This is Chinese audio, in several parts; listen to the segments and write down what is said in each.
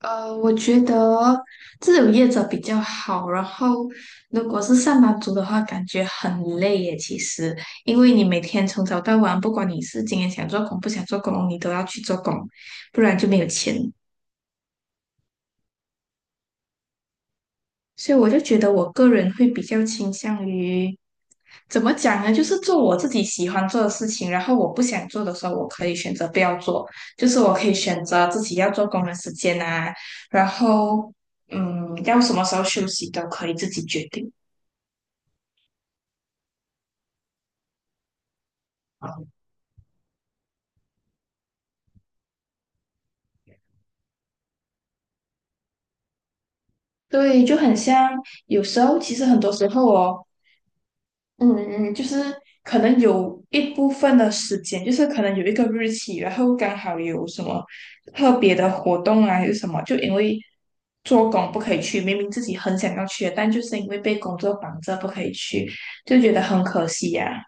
我觉得自由业者比较好。然后，如果是上班族的话，感觉很累耶。其实，因为你每天从早到晚，不管你是今天想做工不想做工，你都要去做工，不然就没有钱。所以我就觉得我个人会比较倾向于，怎么讲呢？就是做我自己喜欢做的事情，然后我不想做的时候，我可以选择不要做，就是我可以选择自己要做工的时间啊，然后要什么时候休息都可以自己决定。对，就很像有时候，其实很多时候哦，嗯，就是可能有一部分的时间，就是可能有一个日期，然后刚好有什么特别的活动啊，还是什么，就因为做工不可以去，明明自己很想要去的，但就是因为被工作绑着不可以去，就觉得很可惜呀、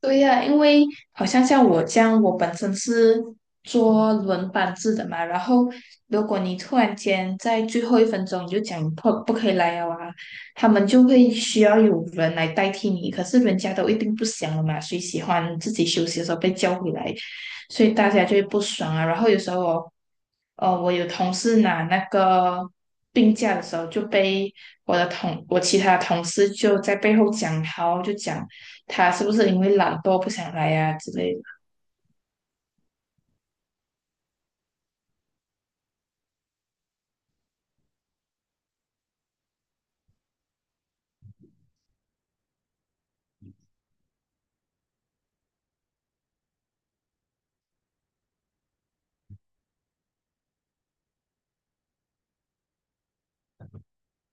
对呀，因为好像像我这样，我本身是做轮班制的嘛，然后如果你突然间在最后一分钟你就讲你不可以来了啊，他们就会需要有人来代替你，可是人家都一定不想了嘛，谁喜欢自己休息的时候被叫回来？所以大家就会不爽啊。然后有时候我，我有同事拿那个病假的时候，就被我其他同事就在背后讲他哦就讲他是不是因为懒惰不想来呀、之类的。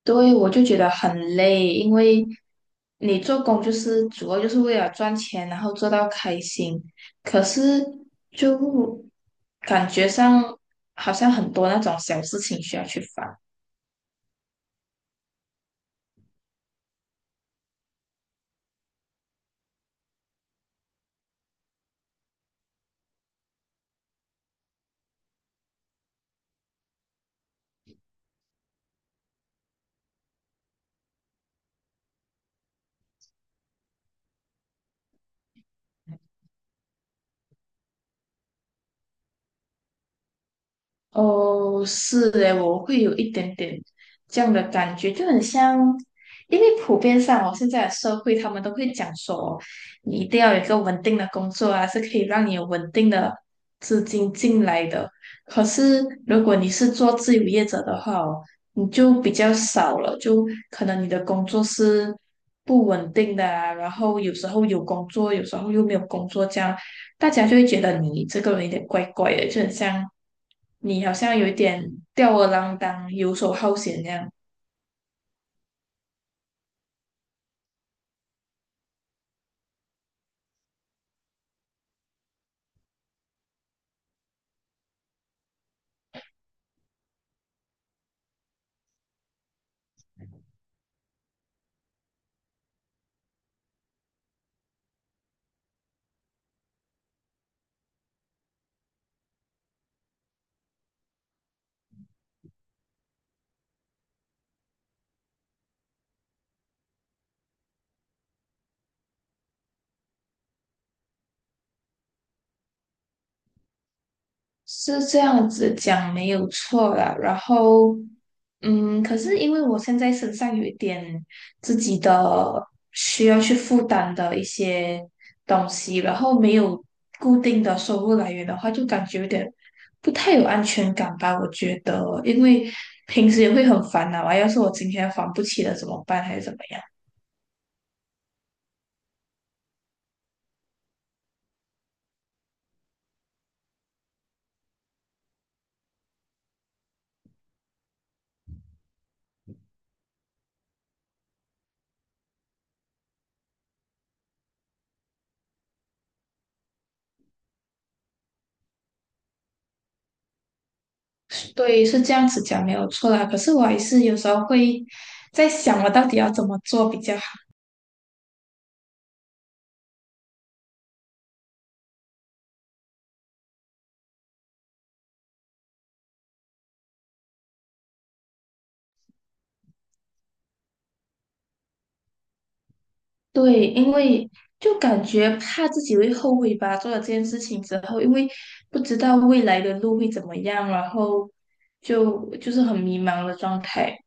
对，我就觉得很累，因为你做工就是主要就是为了赚钱，然后做到开心。可是就感觉上好像很多那种小事情需要去烦。哦，是诶，我会有一点点这样的感觉，就很像，因为普遍上哦，现在的社会他们都会讲说，你一定要有一个稳定的工作啊，是可以让你有稳定的资金进来的。可是如果你是做自由业者的话哦，你就比较少了，就可能你的工作是不稳定的啊，然后有时候有工作，有时候又没有工作这样。大家就会觉得你这个人有点怪怪的，就很像你好像有一点吊儿郎当、游手好闲那样，是这样子讲没有错啦。然后，可是因为我现在身上有一点自己的需要去负担的一些东西，然后没有固定的收入来源的话，就感觉有点不太有安全感吧。我觉得，因为平时也会很烦恼啊，要是我今天还不起了怎么办，还是怎么样？对，是这样子讲没有错啦。可是我还是有时候会在想，我到底要怎么做比较好。对，因为就感觉怕自己会后悔吧，做了这件事情之后，因为不知道未来的路会怎么样，然后就是很迷茫的状态。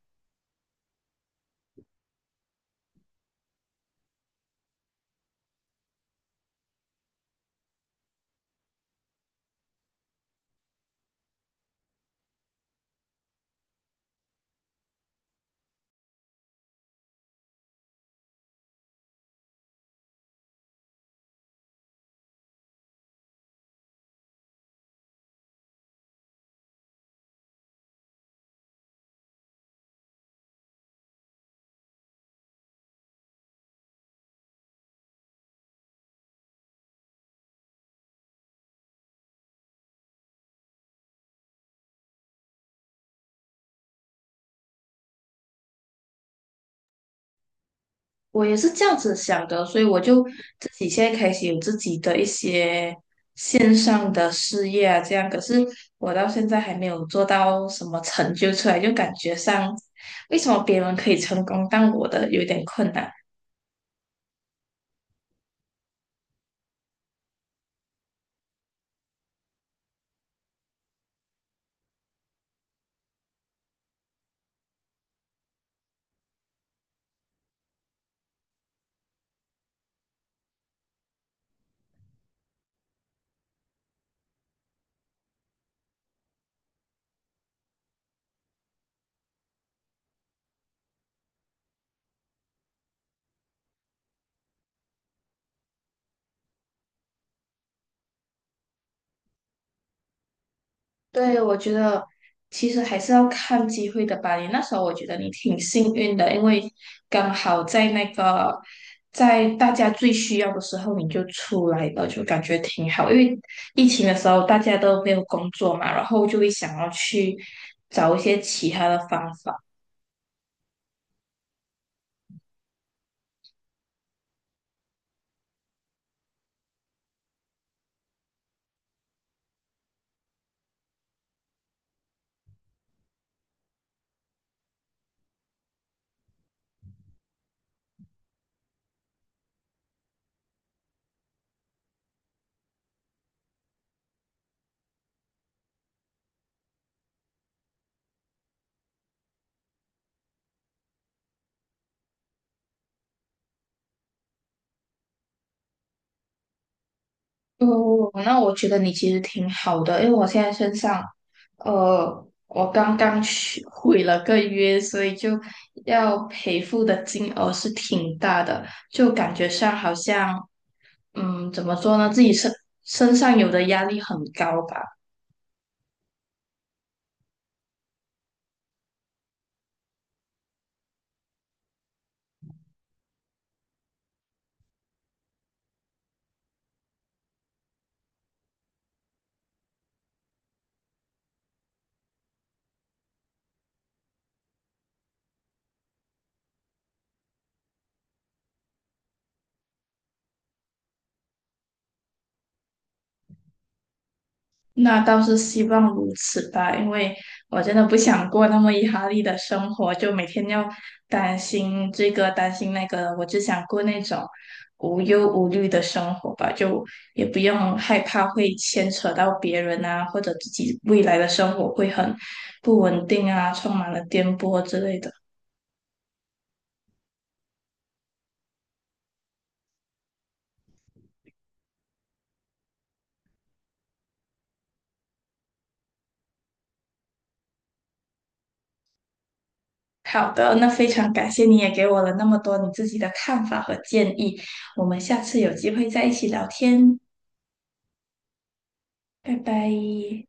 我也是这样子想的，所以我就自己现在开始有自己的一些线上的事业啊，这样，可是我到现在还没有做到什么成就出来，就感觉上，为什么别人可以成功，但我的有点困难。对，我觉得其实还是要看机会的吧。你那时候我觉得你挺幸运的，因为刚好在那个在大家最需要的时候你就出来了，就感觉挺好。因为疫情的时候大家都没有工作嘛，然后就会想要去找一些其他的方法。哦，那我觉得你其实挺好的，因为我现在身上，我刚刚去毁了个约，所以就要赔付的金额是挺大的，就感觉上好像，嗯，怎么说呢，自己身上有的压力很高吧。那倒是希望如此吧，因为我真的不想过那么压力的生活，就每天要担心这个担心那个我只想过那种无忧无虑的生活吧，就也不用害怕会牵扯到别人啊，或者自己未来的生活会很不稳定啊，充满了颠簸之类的。好的，那非常感谢你也给我了那么多你自己的看法和建议，我们下次有机会再一起聊天，拜拜。